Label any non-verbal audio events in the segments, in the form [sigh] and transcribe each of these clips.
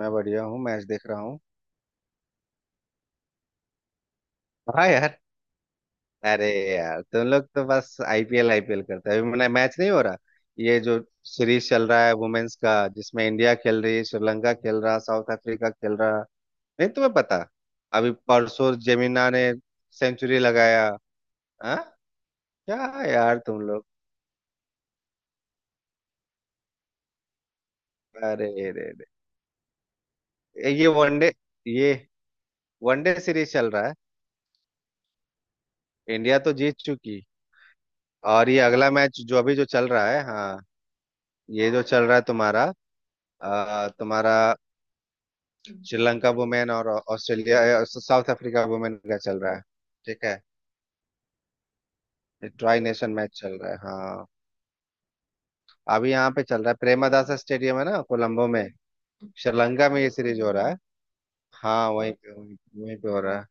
मैं बढ़िया हूँ। मैच देख रहा हूँ। हाँ यार। अरे। यार तुम लोग तो बस आईपीएल आईपीएल करते हैं। अभी मैंने मैच नहीं हो रहा। ये जो सीरीज चल रहा है वुमेन्स का, जिसमें इंडिया खेल रही है, श्रीलंका खेल रहा, साउथ अफ्रीका खेल रहा। नहीं, तुम्हें पता। अभी परसों जेमिना ने सेंचुरी लगाया। हाँ। क्या यार तुम लोग। अरे। रे रे ये वनडे। ये वनडे सीरीज चल रहा है। इंडिया तो जीत चुकी। और ये अगला मैच जो अभी जो चल रहा है। हाँ। ये जो चल रहा है तुम्हारा, तुम्हारा श्रीलंका वुमेन और ऑस्ट्रेलिया, साउथ अफ्रीका वुमेन का चल रहा है। ठीक है। ट्राई नेशन मैच चल रहा है। हाँ, अभी यहाँ पे चल रहा है। प्रेमदासा स्टेडियम है ना, कोलंबो में। श्रीलंका में ये सीरीज हो रहा है। हाँ, वहीं पे हो रहा है।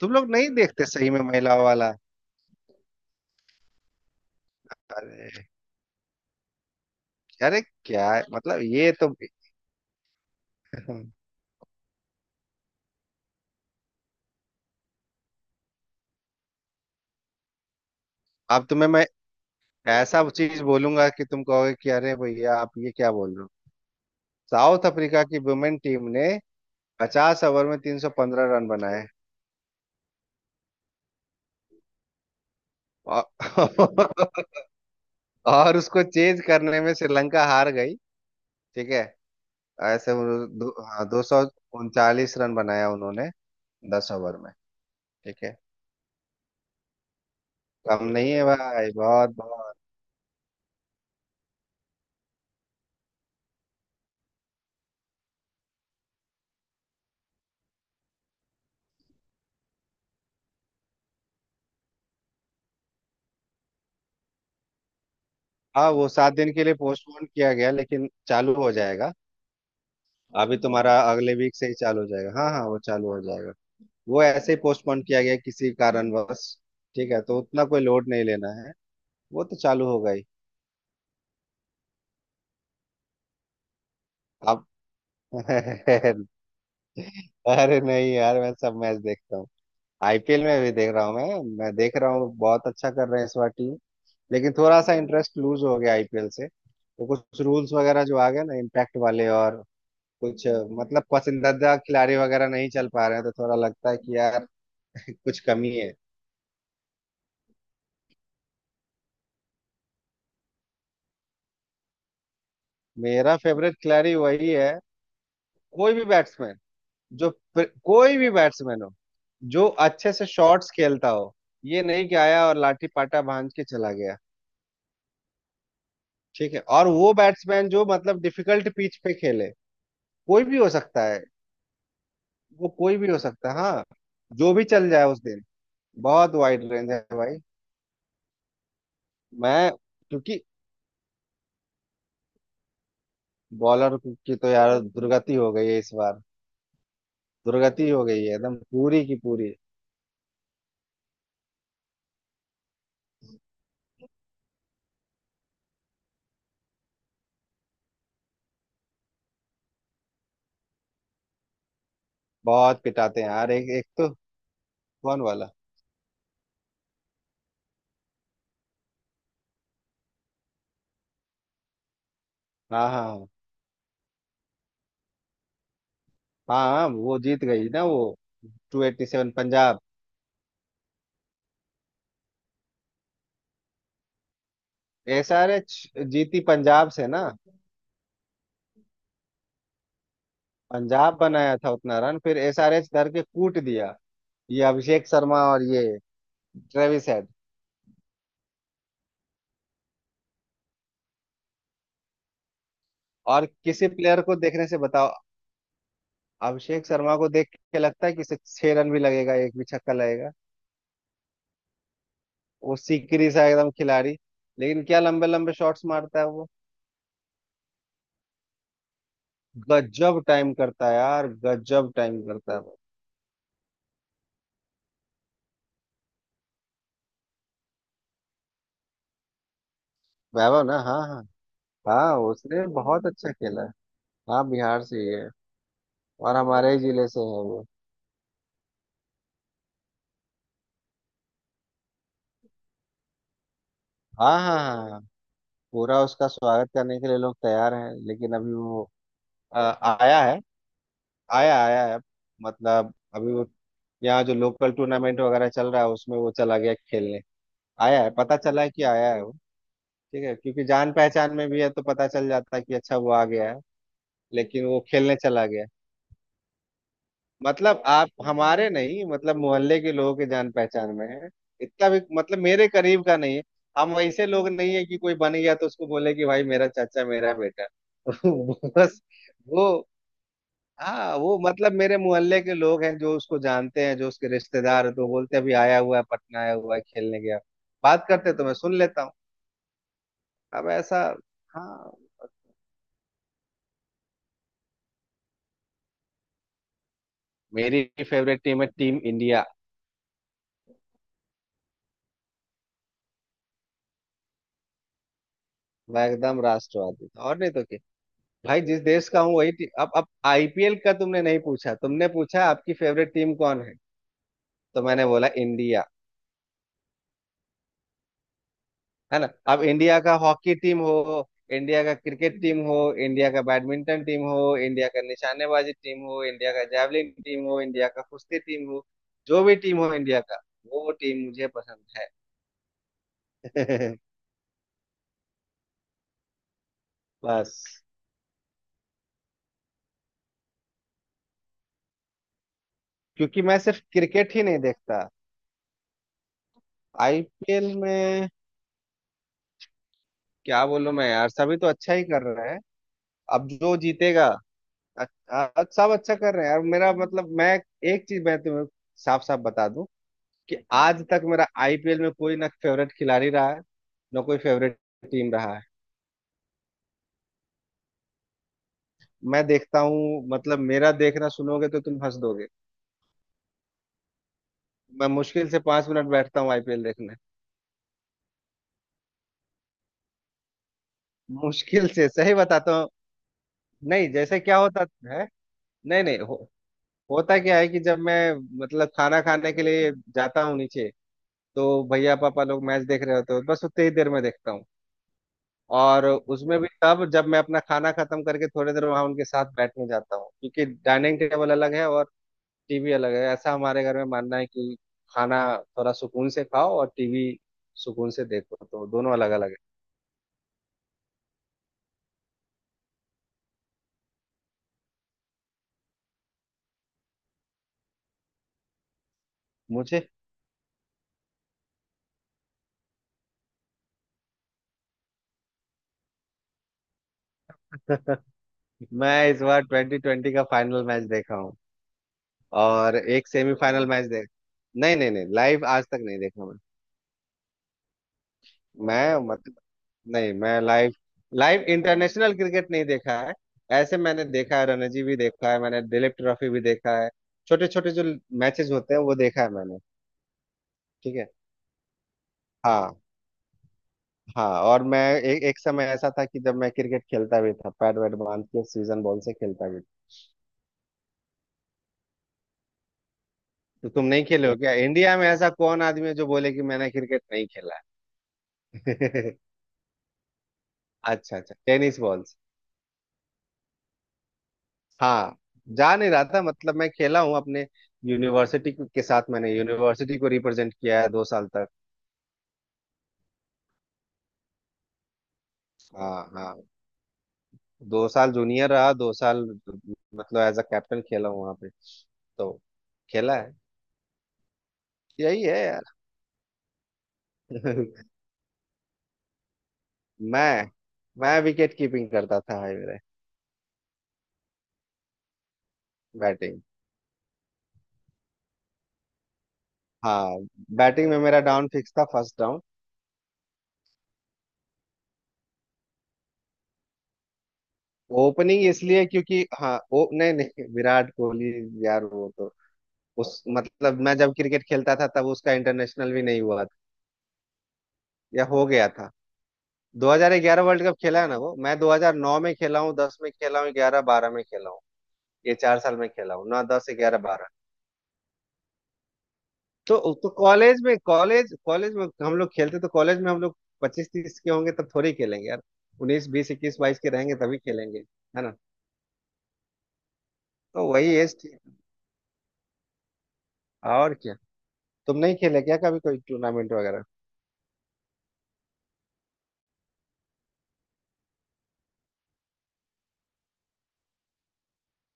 तुम लोग नहीं देखते सही में महिलाओं वाला? अरे अरे, क्या है? मतलब ये तो [laughs] अब तुम्हें मैं ऐसा चीज बोलूंगा कि तुम कहोगे कि अरे भैया, आप ये क्या बोल रहे हो। साउथ अफ्रीका की वुमेन टीम ने 50 ओवर में 315 रन बनाए। औ- [laughs] और उसको चेज करने में श्रीलंका हार गई। ठीक है। ऐसे उन्होंने 249 रन बनाया उन्होंने 10 ओवर में। ठीक है। कम नहीं है भाई, बहुत बहुत। हाँ, वो 7 दिन के लिए पोस्टपोन किया गया, लेकिन चालू हो जाएगा। अभी तुम्हारा अगले वीक से ही चालू हो जाएगा। हाँ हाँ, वो चालू हो जाएगा। वो ऐसे ही पोस्टपोन किया गया किसी कारणवश। ठीक है, तो उतना कोई लोड नहीं लेना है। वो तो चालू हो गई। अब [laughs] अरे नहीं यार, मैं सब मैच देखता हूँ। आईपीएल में भी देख रहा हूँ। मैं देख रहा हूँ, बहुत अच्छा कर रहे हैं इस बार टीम। लेकिन थोड़ा सा इंटरेस्ट लूज हो गया आईपीएल से, तो कुछ रूल्स वगैरह जो आ गए ना इम्पैक्ट वाले, और कुछ मतलब पसंदीदा खिलाड़ी वगैरह नहीं चल पा रहे हैं, तो थोड़ा लगता है कि यार [laughs] कुछ कमी है। मेरा फेवरेट खिलाड़ी वही है, कोई भी बैट्समैन कोई भी बैट्समैन हो जो अच्छे से शॉट्स खेलता हो, ये नहीं कि आया और लाठी पाटा भांज के चला गया। ठीक है। और वो बैट्समैन जो मतलब डिफिकल्ट पिच पे खेले। कोई भी हो सकता है। वो कोई भी हो सकता है, हाँ, जो भी चल जाए उस दिन। बहुत वाइड रेंज है भाई। मैं क्योंकि बॉलर की तो यार दुर्गति हो गई है इस बार। दुर्गति हो गई है एकदम पूरी की पूरी। बहुत पिटाते हैं यार, एक एक तो। कौन वाला? हाँ हाँ हाँ हाँ। हाँ, वो जीत गई ना वो। 287, पंजाब। एसआरएच जीती पंजाब से ना। पंजाब बनाया था उतना रन, फिर एसआरएच धर के कूट दिया। ये अभिषेक शर्मा और ये ट्रेविस। और किसी प्लेयर को देखने से बताओ। अभिषेक शर्मा को देख के लगता है कि इसे 6 रन भी लगेगा, एक भी छक्का लगेगा। वो सिकरी सा एकदम खिलाड़ी, लेकिन क्या लंबे लंबे शॉट्स मारता है वो। गजब टाइम करता है यार, गजब टाइम करता है वो। वैभव? ना। हाँ हाँ। हाँ, उसने बहुत अच्छा खेला है। हाँ, बिहार से ही है। और हमारे ही जिले से है वो। हाँ हाँ हाँ हाँ। पूरा उसका स्वागत करने के लिए लोग तैयार हैं, लेकिन अभी वो आया है। आया आया है। मतलब अभी वो, यहाँ जो लोकल टूर्नामेंट वगैरह चल रहा है, उसमें वो चला गया खेलने। आया है, पता चला है कि आया है वो। ठीक है, क्योंकि जान पहचान में भी है, तो पता चल जाता है कि अच्छा वो आ गया है। लेकिन वो खेलने चला गया। मतलब आप हमारे नहीं, मतलब मोहल्ले के लोगों के जान पहचान में है। इतना भी मतलब मेरे करीब का नहीं है। हम वैसे लोग नहीं है कि कोई बन गया तो उसको बोले कि भाई मेरा चाचा, मेरा बेटा [laughs] बस। वो। हाँ, वो मतलब मेरे मोहल्ले के लोग हैं जो उसको जानते हैं, जो उसके रिश्तेदार हैं, तो बोलते हैं, अभी आया हुआ है, पटना आया हुआ है, खेलने गया। बात करते तो मैं सुन लेता हूँ। अब ऐसा। हाँ। मेरी फेवरेट टीम है टीम इंडिया। मैं एकदम राष्ट्रवादी, और नहीं तो क्या। भाई जिस देश का हूँ वही टीम। अब आईपीएल का तुमने नहीं पूछा, तुमने पूछा आपकी फेवरेट टीम कौन है, तो मैंने बोला इंडिया। है ना। अब इंडिया का हॉकी टीम हो, इंडिया का क्रिकेट टीम हो, इंडिया का बैडमिंटन टीम हो, इंडिया का निशानेबाजी टीम हो, इंडिया का जैवलिन टीम हो, इंडिया का कुश्ती टीम हो, जो भी टीम हो इंडिया का, वो टीम मुझे पसंद है [laughs] बस, क्योंकि मैं सिर्फ क्रिकेट ही नहीं देखता। आईपीएल में क्या बोलूं मैं यार, सभी तो अच्छा ही कर रहे हैं। अब जो जीतेगा। अच्छा, सब अच्छा कर रहे हैं यार। मेरा मतलब, मैं एक चीज मैं तुम्हें साफ साफ बता दूं कि आज तक मेरा आईपीएल में कोई ना फेवरेट खिलाड़ी रहा है, ना कोई फेवरेट टीम रहा है। मैं देखता हूँ, मतलब मेरा देखना सुनोगे तो तुम हंस दोगे। मैं मुश्किल से 5 मिनट बैठता हूँ आईपीएल देखने, मुश्किल से, सही बताता हूँ। नहीं, जैसे क्या होता है, नहीं नहीं हो, होता क्या है कि जब मैं मतलब खाना खाने के लिए जाता हूँ नीचे, तो भैया पापा लोग मैच देख रहे होते हो, बस उतनी ही देर में देखता हूँ। और उसमें भी तब, जब मैं अपना खाना खत्म करके थोड़ी देर वहां उनके साथ बैठने जाता हूँ। क्योंकि डाइनिंग टेबल अलग है और टीवी अलग है। ऐसा हमारे घर में मानना है कि खाना थोड़ा सुकून से खाओ और टीवी सुकून से देखो, तो दोनों अलग अलग है। मुझे [laughs] मैं इस बार ट्वेंटी ट्वेंटी का फाइनल मैच देखा हूँ और एक सेमीफाइनल मैच देख। नहीं नहीं नहीं, लाइव आज तक नहीं देखा मैं। मैं मतलब, नहीं, मैं लाइव लाइव इंटरनेशनल क्रिकेट नहीं देखा है। ऐसे मैंने देखा है, रणजी भी देखा है मैंने, दिलीप ट्रॉफी भी देखा है, छोटे छोटे जो मैचेस होते हैं, वो देखा है मैंने। ठीक है। हाँ हाँ। और मैं, एक एक समय ऐसा था कि जब मैं क्रिकेट खेलता भी था, पैड वैड बांध के सीजन बॉल से खेलता भी था। तो तुम नहीं खेले हो क्या? इंडिया में ऐसा कौन आदमी है जो बोले कि मैंने क्रिकेट नहीं खेला है [laughs] अच्छा अच्छा, टेनिस बॉल से। हाँ, जा नहीं रहा था, मतलब मैं खेला हूँ अपने यूनिवर्सिटी के साथ। मैंने यूनिवर्सिटी को रिप्रेजेंट किया है 2 साल तक। हाँ हाँ। 2 साल जूनियर रहा, 2 साल मतलब एज अ कैप्टन खेला हूँ वहाँ पे। तो खेला है। यही है यार [laughs] मैं मैं विकेट कीपिंग करता था भाई मेरे, बैटिंग। हाँ, बैटिंग में मेरा डाउन फिक्स था, फर्स्ट डाउन, ओपनिंग। इसलिए क्योंकि हाँ, ओ नहीं नहीं, विराट कोहली यार वो तो, उस मतलब, मैं जब क्रिकेट खेलता था तब उसका इंटरनेशनल भी नहीं हुआ था, या हो गया था। 2011 वर्ल्ड कप खेला है ना वो, मैं 2009 में खेला हूँ, 10 में खेला हूँ, 11 12 में खेला हूँ। ये चार साल में खेला हूँ ना, 10 11 12। तो कॉलेज में, कॉलेज कॉलेज में हम लोग खेलते, तो कॉलेज में हम लोग 25-30 के होंगे तब थोड़ी खेलेंगे यार, 19 20 21 22 के रहेंगे तभी खेलेंगे। है ना, तो वही एज थी। और क्या, तुम नहीं खेले क्या कभी कोई टूर्नामेंट वगैरह?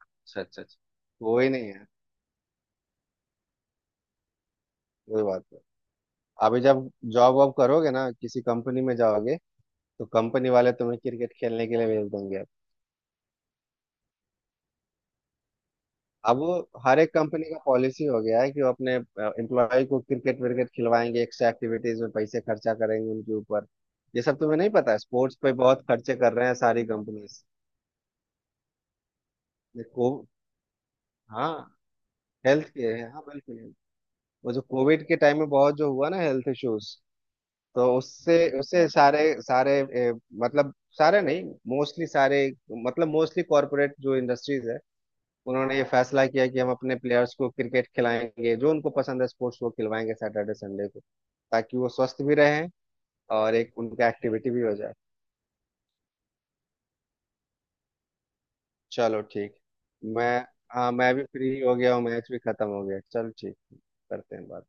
अच्छा अच्छा अच्छा, वो ही नहीं है। कोई बात नहीं, अभी जब जॉब वॉब करोगे ना, किसी कंपनी में जाओगे, तो कंपनी वाले तुम्हें क्रिकेट खेलने के लिए भेज देंगे। अब वो हर एक कंपनी का पॉलिसी हो गया है कि वो अपने एम्प्लॉय को क्रिकेट विकेट खिलवाएंगे, एक्स्ट्रा एक्टिविटीज में पैसे खर्चा करेंगे उनके ऊपर। ये सब तुम्हें नहीं पता है, स्पोर्ट्स पे बहुत खर्चे कर रहे हैं सारी कंपनीज को। हाँ हेल्थ के है, हाँ बिल्कुल। वो जो कोविड के टाइम में बहुत जो हुआ ना हेल्थ इश्यूज, तो उससे उससे सारे सारे ए, मतलब सारे नहीं, मोस्टली सारे, मतलब मोस्टली कॉरपोरेट जो इंडस्ट्रीज है, उन्होंने ये फैसला किया कि हम अपने प्लेयर्स को क्रिकेट खिलाएंगे, जो उनको पसंद है स्पोर्ट्स वो खिलवाएंगे सैटरडे संडे को, ताकि वो स्वस्थ भी रहें और एक उनका एक्टिविटी भी हो जाए। चलो ठीक। मैं, हाँ, मैं भी फ्री हो गया हूँ, मैच भी खत्म हो गया। चलो, ठीक, करते हैं बात।